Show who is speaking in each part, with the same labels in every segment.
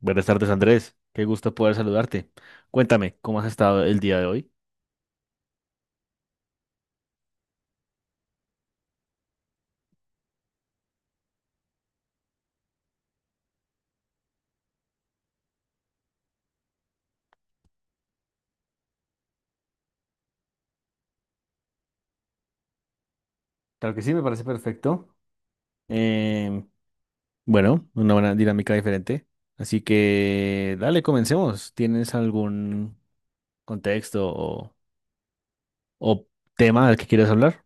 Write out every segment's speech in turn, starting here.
Speaker 1: Buenas tardes, Andrés. Qué gusto poder saludarte. Cuéntame, ¿cómo has estado el día de hoy? Claro que sí, me parece perfecto. Em, bueno, una buena dinámica diferente. Así que, dale, comencemos. ¿Tienes algún contexto o tema del que quieras hablar?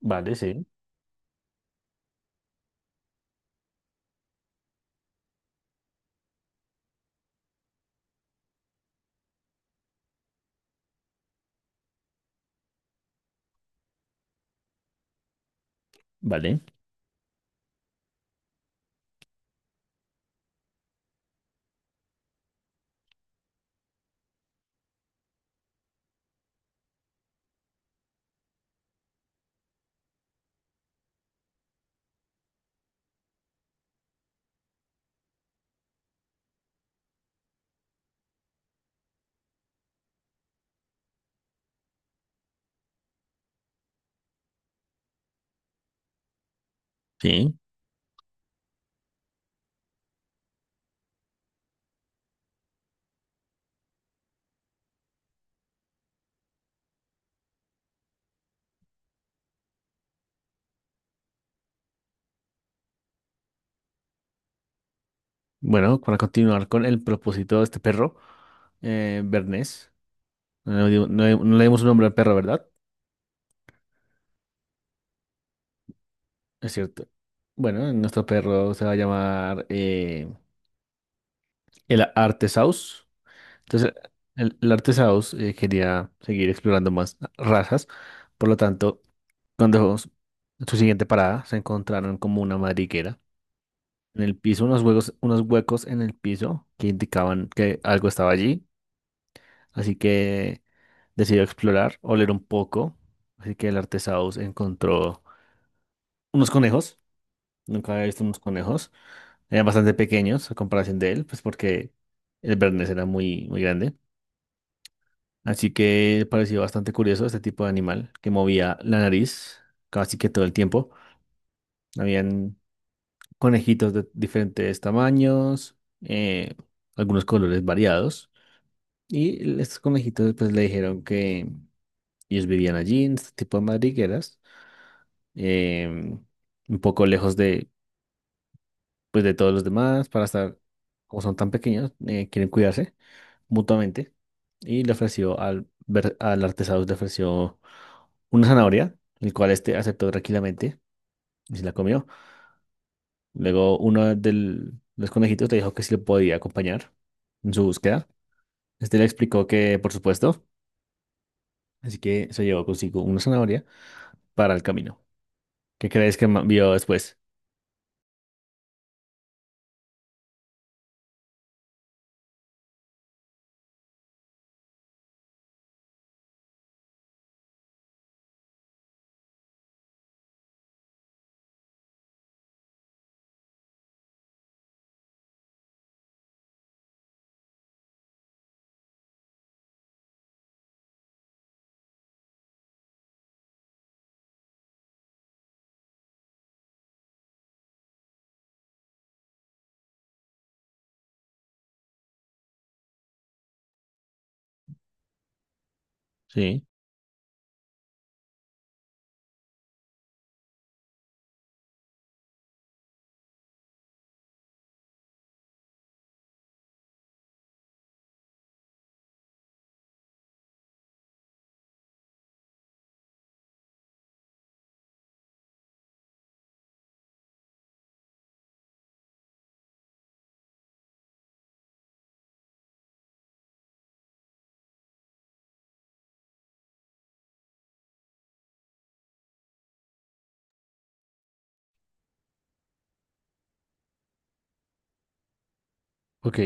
Speaker 1: Vale, sí. Vale, sí. Bueno, para continuar con el propósito de este perro, Bernés. No, no le dimos un nombre al perro, ¿verdad? Es cierto. Bueno, nuestro perro se va a llamar El Artesaurus. Entonces, el Artesaurus quería seguir explorando más razas. Por lo tanto, cuando s- en su siguiente parada se encontraron como una madriguera. En el piso, unos huecos en el piso que indicaban que algo estaba allí. Así que decidió explorar, oler un poco. Así que el Artesaurus encontró unos conejos. Nunca había visto unos conejos. Eran bastante pequeños a comparación de él, pues porque el Bernés era muy, muy grande. Así que pareció bastante curioso este tipo de animal que movía la nariz casi que todo el tiempo. Habían conejitos de diferentes tamaños, algunos colores variados. Y estos conejitos pues le dijeron que ellos vivían allí en este tipo de madrigueras, eh, un poco lejos de, pues, de todos los demás para estar, como son tan pequeños, quieren cuidarse mutuamente y le ofreció al Artesaurus, le ofreció una zanahoria, el cual este aceptó tranquilamente y se la comió. Luego uno de los conejitos le dijo que sí lo podía acompañar en su búsqueda. Este le explicó que, por supuesto, así que se llevó consigo una zanahoria para el camino. ¿Qué crees vio después? Sí, ok,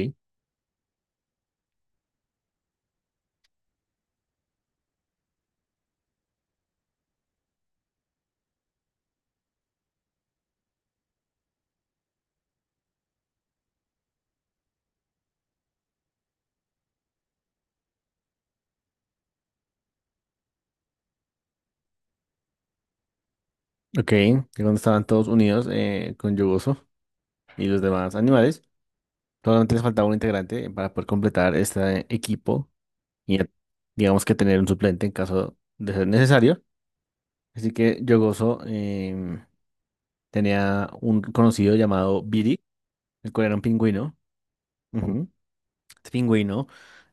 Speaker 1: ok. Y cuando estaban todos unidos con Yugoso y los demás animales, solamente les faltaba un integrante para poder completar este equipo y a- digamos que tener un suplente en caso de ser necesario. Así que yo gozo, tenía un conocido llamado Billy, el cual era un pingüino. Ujú. Este pingüino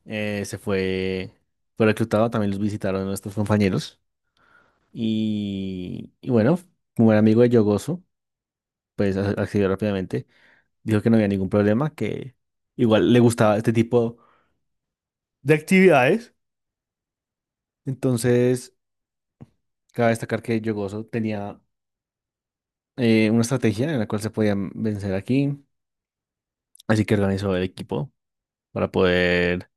Speaker 1: eh, se fue, fue reclutado, también los visitaron nuestros compañeros. Y bueno, como era amigo de yo pues accedió rápidamente. Dijo que no había ningún problema, que igual le gustaba este tipo de actividades. Entonces, cabe destacar que Yogoso tenía una estrategia en la cual se podían vencer aquí. Así que organizó el equipo para poder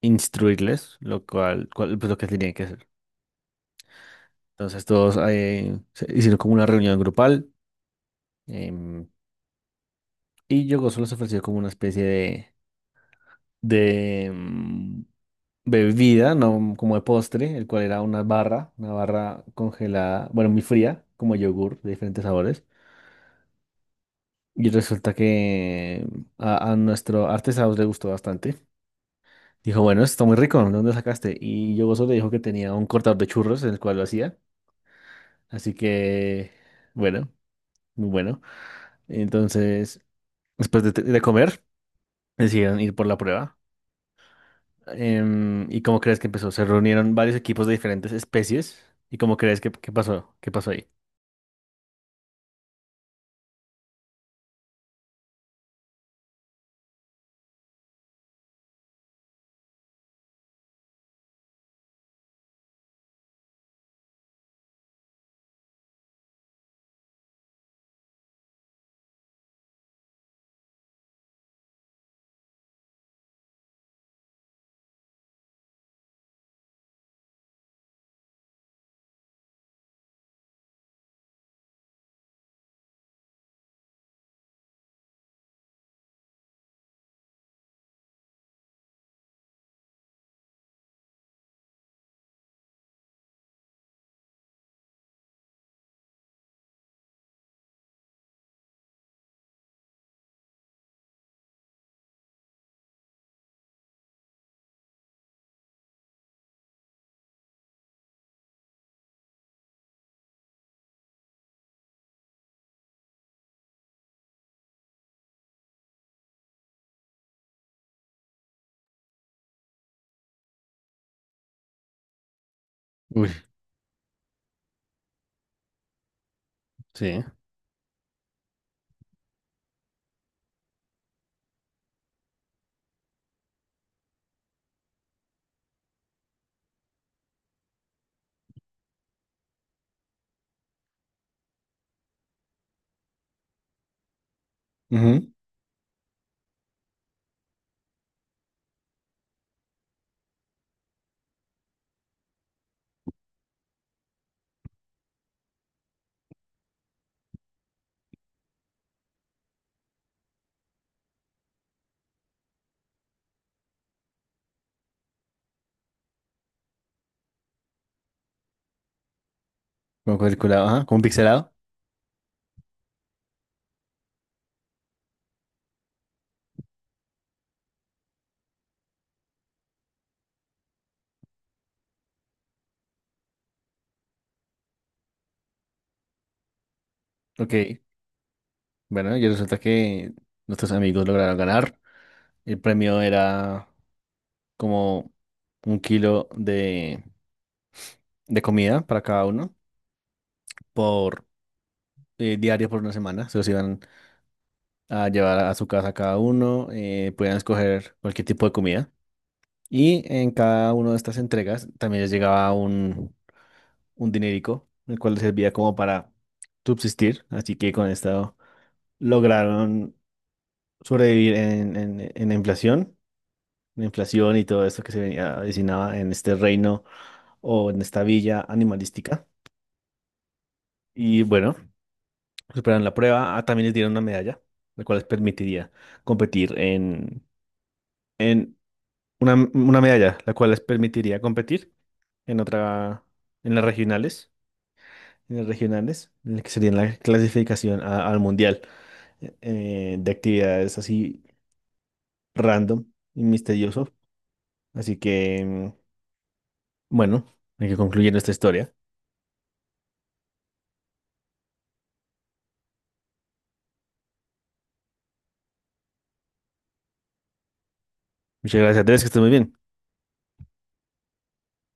Speaker 1: instruirles lo pues, lo que tenían que hacer. Entonces todos se hicieron como una reunión grupal em, y Yogo solo se ofreció como una especie de, de em, bebida, no como de postre, el cual era una barra congelada, bueno, muy fría, como yogur de diferentes sabores. Y resulta que a nuestro artesanos le gustó bastante. Dijo, bueno, esto está muy rico, ¿de dónde lo sacaste? Y yo gozo le dijo que tenía un cortador de churros en el cual lo hacía. Así que, bueno, muy bueno. Entonces, después de comer, decidieron ir por la prueba. ¿Y cómo crees que empezó? Se reunieron varios equipos de diferentes especies. ¿Y cómo crees que pasó? ¿Qué pasó ahí? Uy, sí. Ujú. Como cuadriculado, ajá, como pixelado. Ok. Bueno, y resulta que nuestros amigos lograron ganar. El premio era como un kilo de comida para cada uno por diario por una semana. Se los iban a llevar a su casa cada uno, podían escoger cualquier tipo de comida. Y en cada una de estas entregas también les llegaba un dinerico, el cual les servía como para subsistir. Así que con esto lograron sobrevivir en la inflación y todo esto que se venía, avecinaba en este reino o en esta villa animalística. Y bueno. Superan la prueba. Ah, también les dieron una medalla, la cual les permitiría competir en una medalla, la cual les permitiría competir en otra, en las regionales, en las regionales, en la que sería la clasificación al mundial de actividades así random y misterioso. Así que, bueno, hay que concluir nuestra historia. Muchas gracias, Andrés, que estés muy bien.